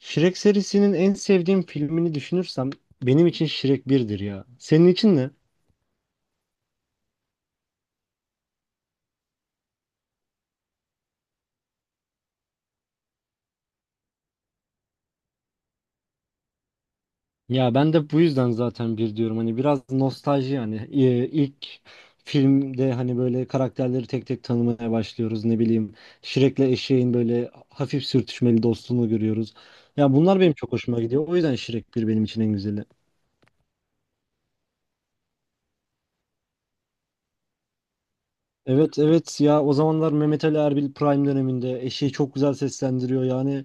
Shrek serisinin en sevdiğim filmini düşünürsem benim için Shrek birdir ya. Senin için ne? Ya ben de bu yüzden zaten bir diyorum. Hani biraz nostalji yani ilk filmde hani böyle karakterleri tek tek tanımaya başlıyoruz. Ne bileyim Shrek'le eşeğin böyle hafif sürtüşmeli dostluğunu görüyoruz. Ya bunlar benim çok hoşuma gidiyor. O yüzden Shrek bir benim için en güzeli. Evet evet, ya o zamanlar Mehmet Ali Erbil Prime döneminde eşeği çok güzel seslendiriyor yani.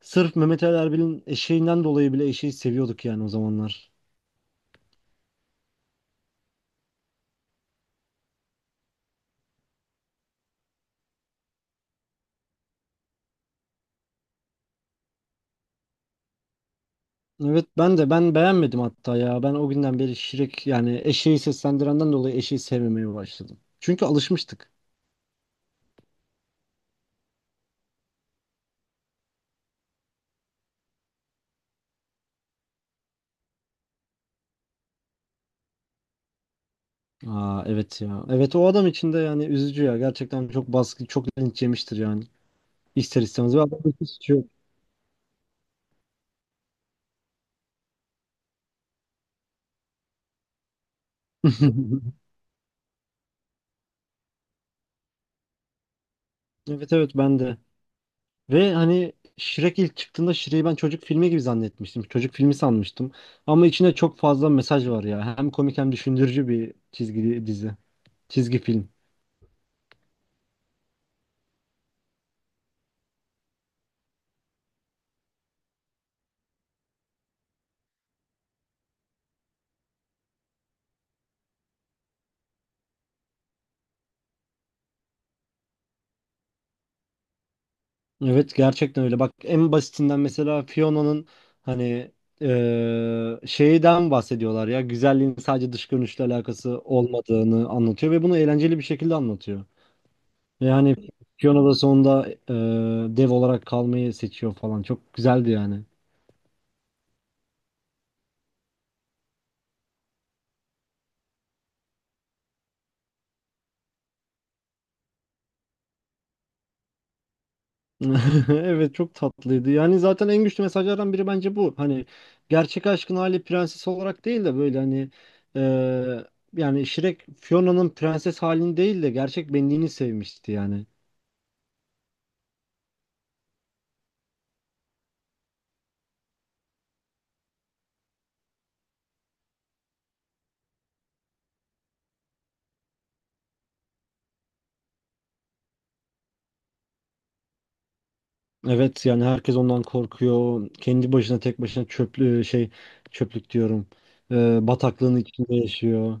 Sırf Mehmet Ali Erbil'in eşeğinden dolayı bile eşeği seviyorduk yani o zamanlar. Evet, ben de beğenmedim hatta ya. Ben o günden beri Şirek, yani eşeği seslendirenden dolayı eşeği sevmemeye başladım. Çünkü alışmıştık. Aa, evet ya. Evet, o adam için de yani üzücü ya. Gerçekten çok baskı, çok linç yemiştir yani. İster istemez. Ve adamın hiç suçu yok. Evet evet, ben de. Ve hani Shrek ilk çıktığında Shrek'i ben çocuk filmi gibi zannetmiştim. Çocuk filmi sanmıştım. Ama içinde çok fazla mesaj var ya. Hem komik hem düşündürücü bir çizgi dizi. Çizgi film. Evet gerçekten öyle. Bak en basitinden mesela Fiona'nın hani şeyden bahsediyorlar ya. Güzelliğin sadece dış görünüşle alakası olmadığını anlatıyor ve bunu eğlenceli bir şekilde anlatıyor. Yani Fiona da sonunda dev olarak kalmayı seçiyor falan. Çok güzeldi yani. Evet çok tatlıydı. Yani zaten en güçlü mesajlardan biri bence bu. Hani gerçek aşkın hali prenses olarak değil de böyle hani eee, yani Shrek Fiona'nın prenses halini değil de gerçek benliğini sevmişti yani. Evet yani herkes ondan korkuyor. Kendi başına tek başına çöplük diyorum. Bataklığın içinde yaşıyor.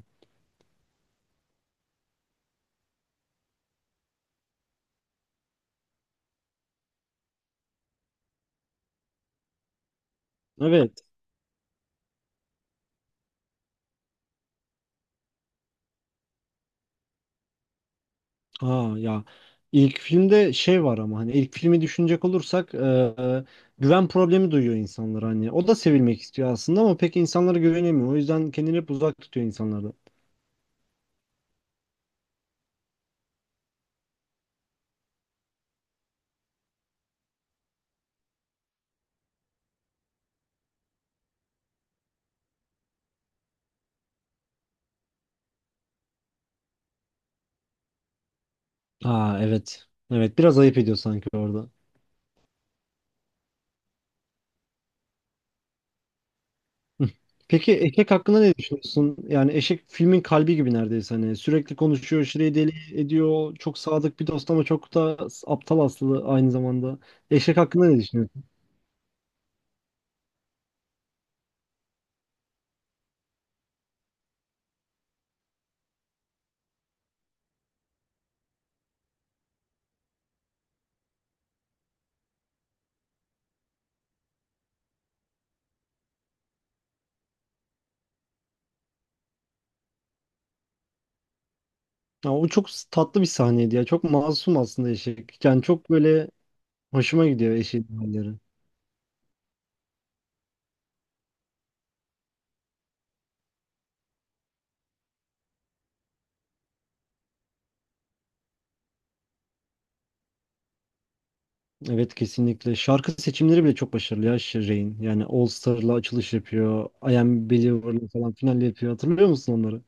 Evet. Ha ya, ilk filmde şey var ama hani ilk filmi düşünecek olursak e, güven problemi duyuyor insanlar hani. O da sevilmek istiyor aslında ama pek insanlara güvenemiyor. O yüzden kendini hep uzak tutuyor insanlardan. Aa evet. Evet biraz ayıp ediyor sanki orada. Hı. Peki Eşek hakkında ne düşünüyorsun? Yani Eşek filmin kalbi gibi neredeyse, hani sürekli konuşuyor, şireyi deli ediyor. Çok sadık bir dost ama çok da aptal aslında aynı zamanda. Eşek hakkında ne düşünüyorsun? Ya o çok tatlı bir sahneydi ya. Çok masum aslında eşek. Yani çok böyle hoşuma gidiyor eşeğin halleri. Evet kesinlikle. Şarkı seçimleri bile çok başarılı ya Shireen. Yani All Star'la açılış yapıyor. I Am Believer'la falan final yapıyor. Hatırlıyor musun onları?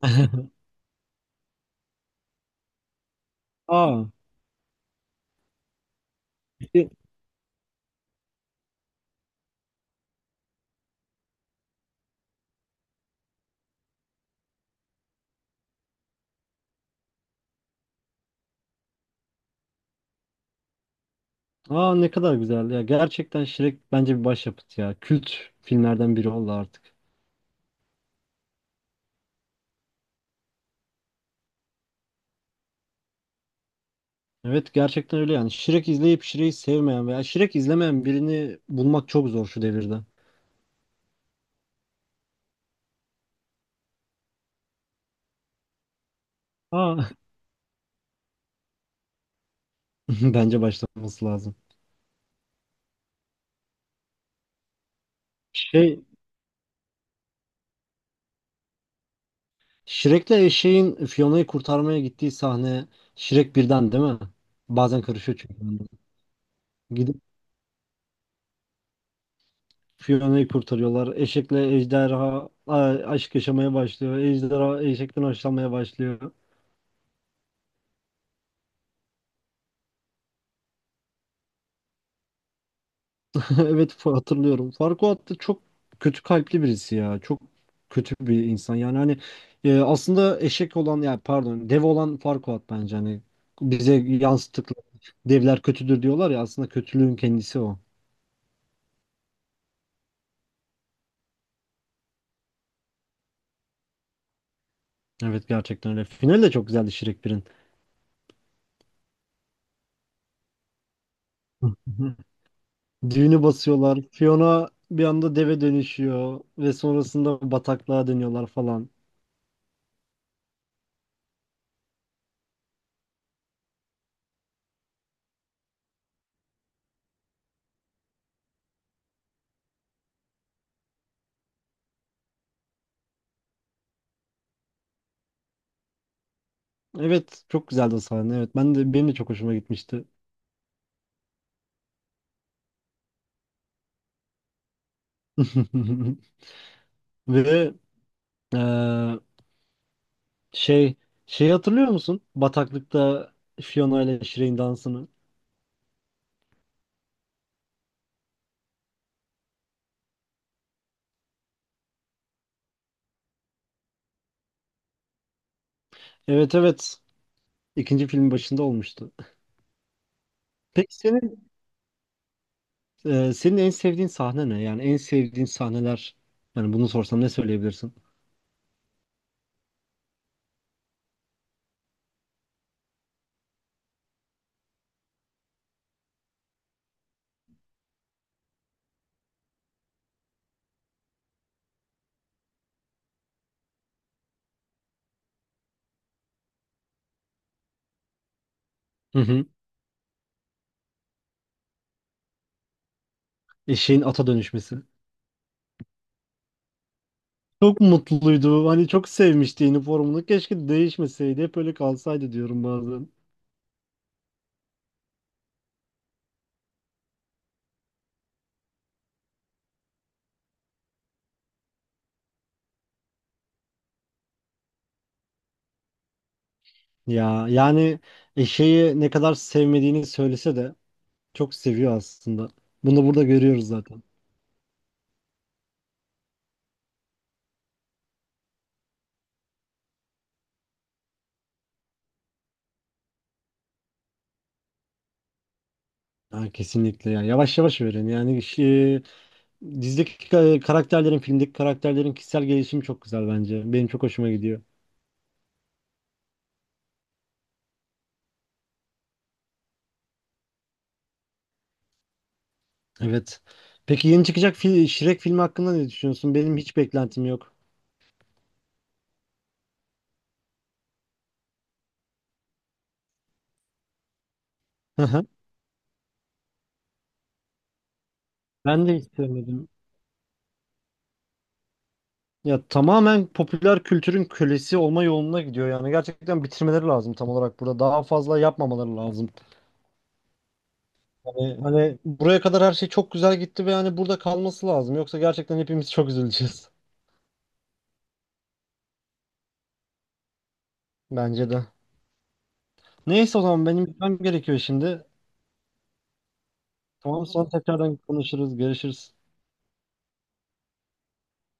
Aa, e- aa, ne kadar güzel ya. Gerçekten Shrek bence bir başyapıt ya. Kült filmlerden biri oldu artık. Evet gerçekten öyle yani. Shrek izleyip Shrek'i sevmeyen veya Shrek izlemeyen birini bulmak çok zor şu devirde. Aa. Bence başlaması lazım. Şey, Shrek'le eşeğin Fiona'yı kurtarmaya gittiği sahne Shrek birden değil mi? Bazen karışıyor çünkü bende. Gidip Fiona'yı kurtarıyorlar. Eşekle ejderha aşk yaşamaya başlıyor. Ejderha eşekten hoşlanmaya başlıyor. Evet, hatırlıyorum. Farquaad da çok kötü kalpli birisi ya. Çok kötü bir insan. Yani hani aslında eşek olan, yani pardon dev olan Farquaad, bence hani bize yansıttıkları devler kötüdür diyorlar ya, aslında kötülüğün kendisi o. Evet gerçekten öyle. Final de çok güzeldi Shrek birin. Düğünü basıyorlar. Fiona bir anda deve dönüşüyor ve sonrasında bataklığa dönüyorlar falan. Evet çok güzeldi o sahne. Evet benim de çok hoşuma gitmişti. Ve eee, şey şey hatırlıyor musun? Bataklıkta Fiona ile Shrek'in dansını. Evet evet. İkinci filmin başında olmuştu. Peki senin senin en sevdiğin sahne ne? Yani en sevdiğin sahneler. Yani bunu sorsam ne söyleyebilirsin? Eşeğin ata dönüşmesi. Çok mutluydu. Hani çok sevmişti üniformunu. Keşke değişmeseydi. Hep öyle kalsaydı diyorum bazen. Ya yani eşeği ne kadar sevmediğini söylese de çok seviyor aslında. Bunu burada görüyoruz zaten. Ha, kesinlikle ya. Yavaş yavaş öğren. Yani şey, dizideki karakterlerin, filmdeki karakterlerin kişisel gelişimi çok güzel bence. Benim çok hoşuma gidiyor. Evet. Peki yeni çıkacak Shrek filmi hakkında ne düşünüyorsun? Benim hiç beklentim yok. Hı hı. Ben de hiç sevmedim. Ya tamamen popüler kültürün kölesi olma yoluna gidiyor, yani gerçekten bitirmeleri lazım, tam olarak burada daha fazla yapmamaları lazım. Hani, buraya kadar her şey çok güzel gitti ve hani burada kalması lazım, yoksa gerçekten hepimiz çok üzüleceğiz. Bence de. Neyse o zaman benim gitmem gerekiyor şimdi. Tamam, sonra tekrardan konuşuruz, görüşürüz.